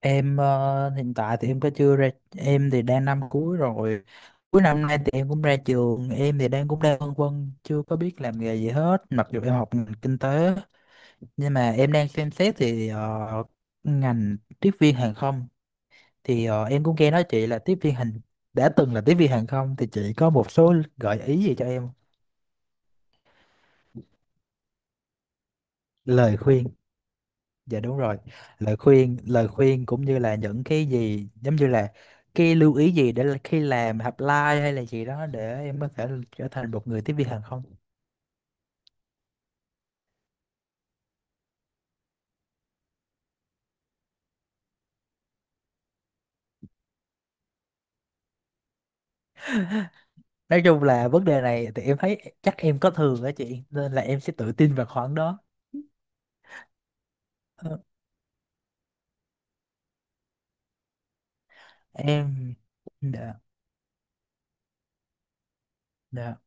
Em hiện tại thì em chưa ra. Em thì đang năm cuối rồi, cuối năm nay thì em cũng ra trường. Em thì đang phân vân, chưa có biết làm nghề gì hết, mặc dù em học ngành kinh tế nhưng mà em đang xem xét thì ngành tiếp viên hàng không. Thì em cũng nghe nói chị là tiếp viên hàng đã từng là tiếp viên hàng không, thì chị có một số gợi ý gì cho em? Lời khuyên. Dạ đúng rồi. Lời khuyên, lời khuyên, cũng như là những cái gì giống như là cái lưu ý gì để là khi làm apply hay là gì đó để em có thể trở thành một người tiếp viên hàng không. Nói chung là vấn đề này thì em thấy chắc em có thường á chị, nên là em sẽ tự tin vào khoảng đó. Ờ, Em, dạ, dạ,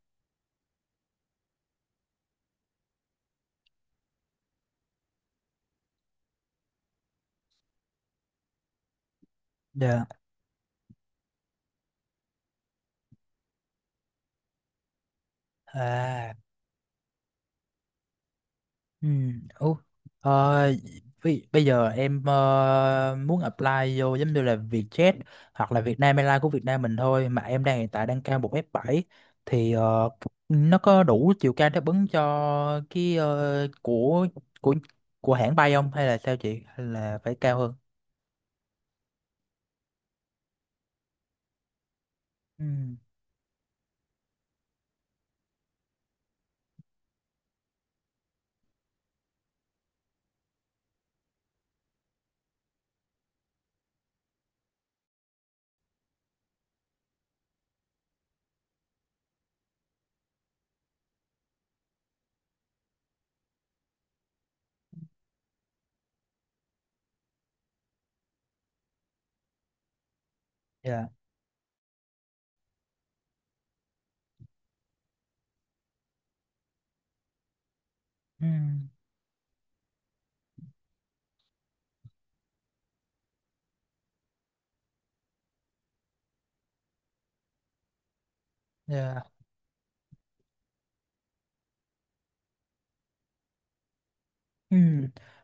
dạ, à, Ừ. Ủa, ờ, bây giờ em muốn apply vô giống như là Vietjet hoặc là Vietnam Airlines của Việt Nam mình thôi, mà em đang hiện tại đang cao một m 7 thì nó có đủ chiều cao đáp ứng cho cái của của hãng bay không, hay là sao chị, hay là phải cao hơn? Ừ. Dạ. Ừ. Dạ. Ừ.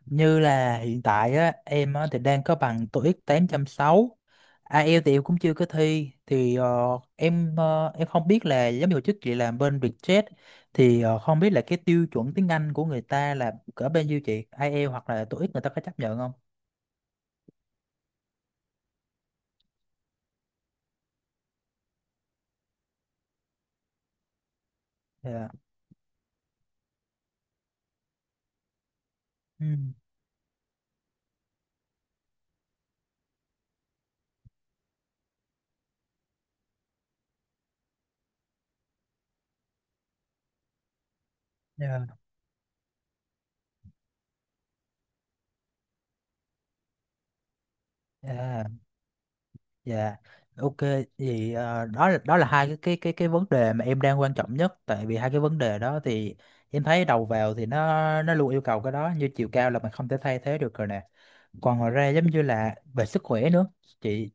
Như là hiện tại á, em á, thì đang có bằng TOEIC 860, IELTS thì em cũng chưa có thi. Thì em không biết là giống như hồi trước chị làm bên Vietjet thì không biết là cái tiêu chuẩn tiếng Anh của người ta là cỡ bên nhiêu chị, IELTS hoặc là TOEIC người ta có chấp nhận không? Dạ. Ừ. Dạ. Dạ. Dạ, ok. Thì đó là hai cái vấn đề mà em đang quan trọng nhất. Tại vì hai cái vấn đề đó thì em thấy đầu vào thì nó luôn yêu cầu cái đó, như chiều cao là mình không thể thay thế được rồi nè. Còn ngoài ra giống như là về sức khỏe nữa. Chị,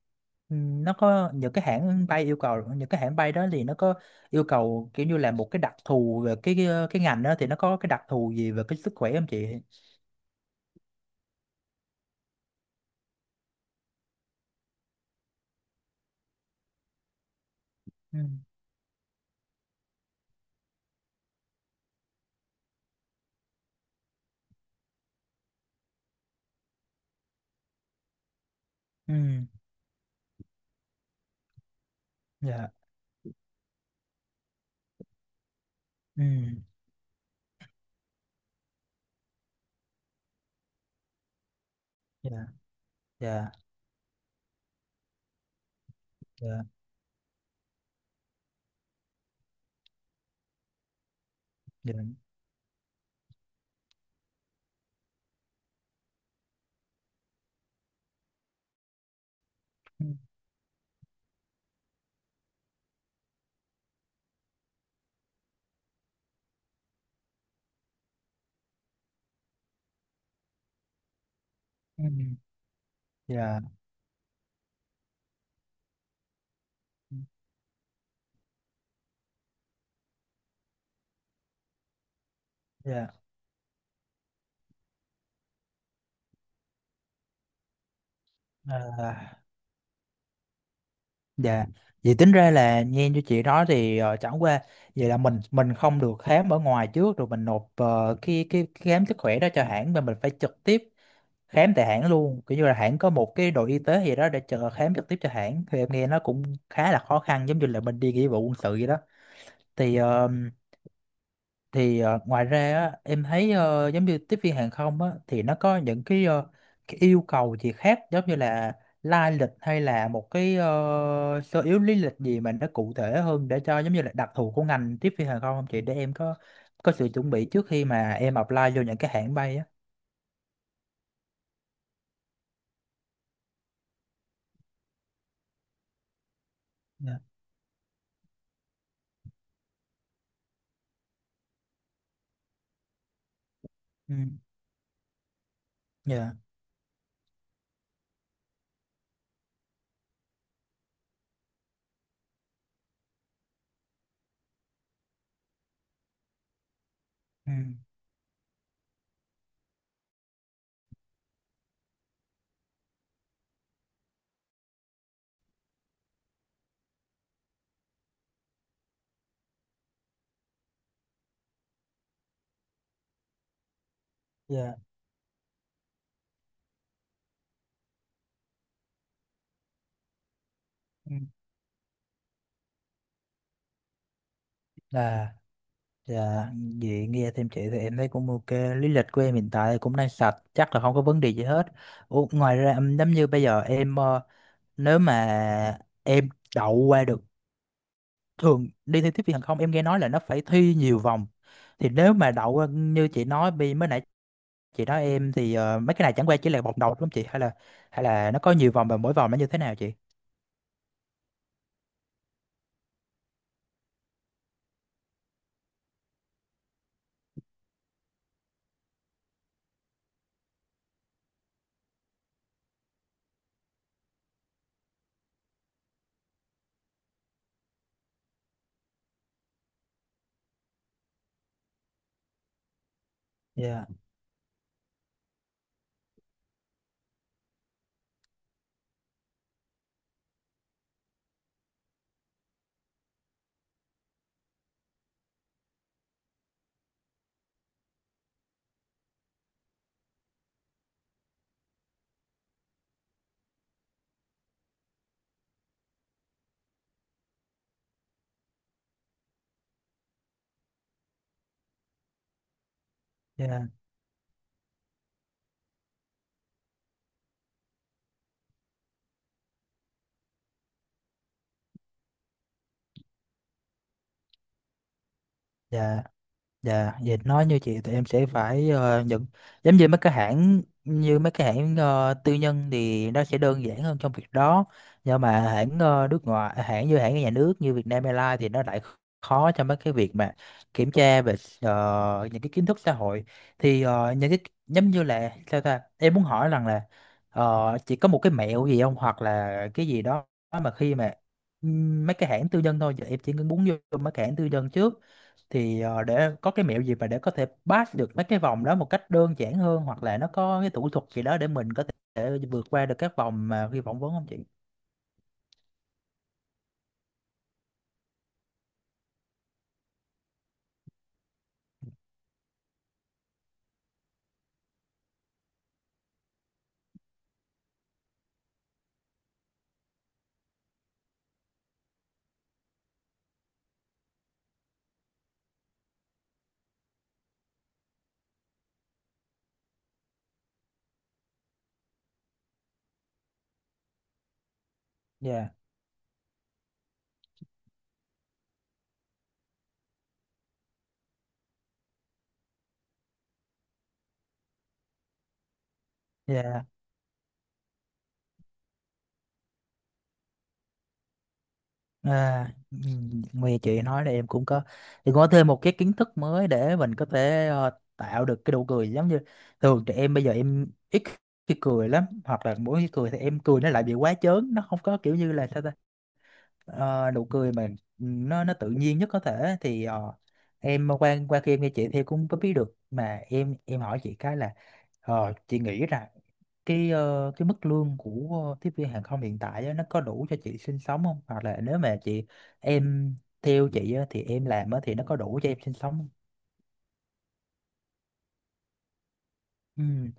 nó có những cái hãng bay yêu cầu, những cái hãng bay đó thì nó có yêu cầu kiểu như là một cái đặc thù về cái ngành đó, thì nó có cái đặc thù gì về cái sức khỏe không chị? Ừ. Ừ. Dạ. Ừ. Dạ. Dạ. Dạ. Dạ. Ừ. Ừ. Dạ. Dạ. À, dạ. Vậy tính ra là nghe như chị nói thì chẳng qua vậy là mình không được khám ở ngoài trước rồi mình nộp cái khám sức khỏe đó cho hãng, mà mình phải trực tiếp khám tại hãng luôn, kiểu như là hãng có một cái đội y tế gì đó để chờ khám trực tiếp cho hãng. Thì em nghe nó cũng khá là khó khăn, giống như là mình đi nghĩa vụ quân sự vậy đó. thì thì ngoài ra á, em thấy giống như tiếp viên hàng không á, thì nó có những cái yêu cầu gì khác, giống như là lai lịch hay là một cái sơ yếu lý lịch gì mà nó cụ thể hơn, để cho giống như là đặc thù của ngành tiếp viên hàng không không chị, để em có sự chuẩn bị trước khi mà em apply vô những cái hãng bay á. Dạ. Ừ. Dạ. Ừ. Dạ. Ừ. Là, Dạ, vậy nghe thêm chị thì em thấy cũng ok. Lý lịch của em hiện tại cũng đang sạch, chắc là không có vấn đề gì hết. Ủa, ngoài ra giống như bây giờ em nếu mà em đậu qua được, thường đi thi tiếp viên hàng không em nghe nói là nó phải thi nhiều vòng. Thì nếu mà đậu qua như chị nói mới nãy chị nói em thì mấy cái này chẳng qua chỉ là vòng đầu đúng không chị? Hay là nó có nhiều vòng, và mỗi vòng nó như thế nào chị? Dạ, dạ, dạ. Dạ, vậy nói như chị thì em sẽ phải nhận, giống như mấy cái hãng tư nhân thì nó sẽ đơn giản hơn trong việc đó, nhưng mà hãng nước ngoài à, hãng như hãng nhà nước như Vietnam Airlines thì nó lại khó trong mấy cái việc mà kiểm tra về những cái kiến thức xã hội. Thì những cái giống như là sao ta, em muốn hỏi rằng là chị có một cái mẹo gì không, hoặc là cái gì đó mà khi mà mấy cái hãng tư nhân thôi, giờ em chỉ muốn vô mấy cái hãng tư nhân trước thì để có cái mẹo gì mà để có thể pass được mấy cái vòng đó một cách đơn giản hơn, hoặc là nó có cái thủ thuật gì đó để mình có thể vượt qua được các vòng mà khi phỏng vấn không chị? Dạ, dạ. À, nghe chị nói là em cũng có thì có thêm một cái kiến thức mới để mình có thể tạo được cái nụ cười, giống như thường trẻ em bây giờ em ít khi cười lắm, hoặc là mỗi khi cười thì em cười nó lại bị quá chớn, nó không có kiểu như là sao ta, ờ, nụ cười mà nó tự nhiên nhất có thể. Thì em qua qua khi em nghe chị thì em cũng có biết được, mà em hỏi chị cái là chị nghĩ rằng cái cái mức lương của tiếp viên hàng không hiện tại á, nó có đủ cho chị sinh sống không, hoặc là nếu mà chị em theo chị á, thì em làm á, thì nó có đủ cho em sinh sống không? Ừ.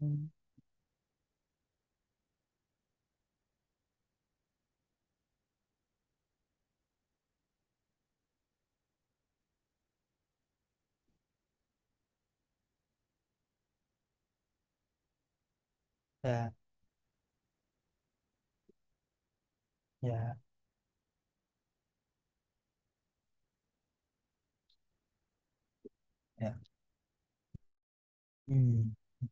Ừ. Dạ, dạ, dạ. Ừ.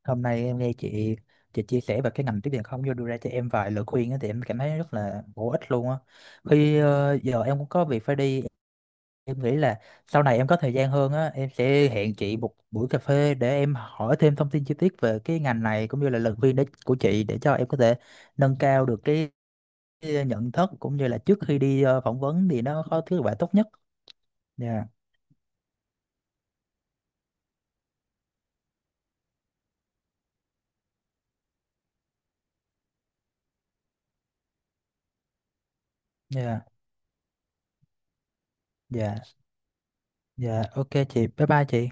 Hôm nay em nghe chị chia sẻ về cái ngành tiếp viện không, vô đưa ra cho em vài lời khuyên á, thì em cảm thấy rất là bổ ích luôn á. Khi giờ em cũng có việc phải đi, em nghĩ là sau này em có thời gian hơn á, em sẽ hẹn chị một buổi cà phê để em hỏi thêm thông tin chi tiết về cái ngành này, cũng như là lời khuyên đấy của chị, để cho em có thể nâng cao được cái nhận thức, cũng như là trước khi đi phỏng vấn thì nó có thứ quả tốt nhất. Dạ, dạ, dạ, dạ, ok chị, bye bye chị.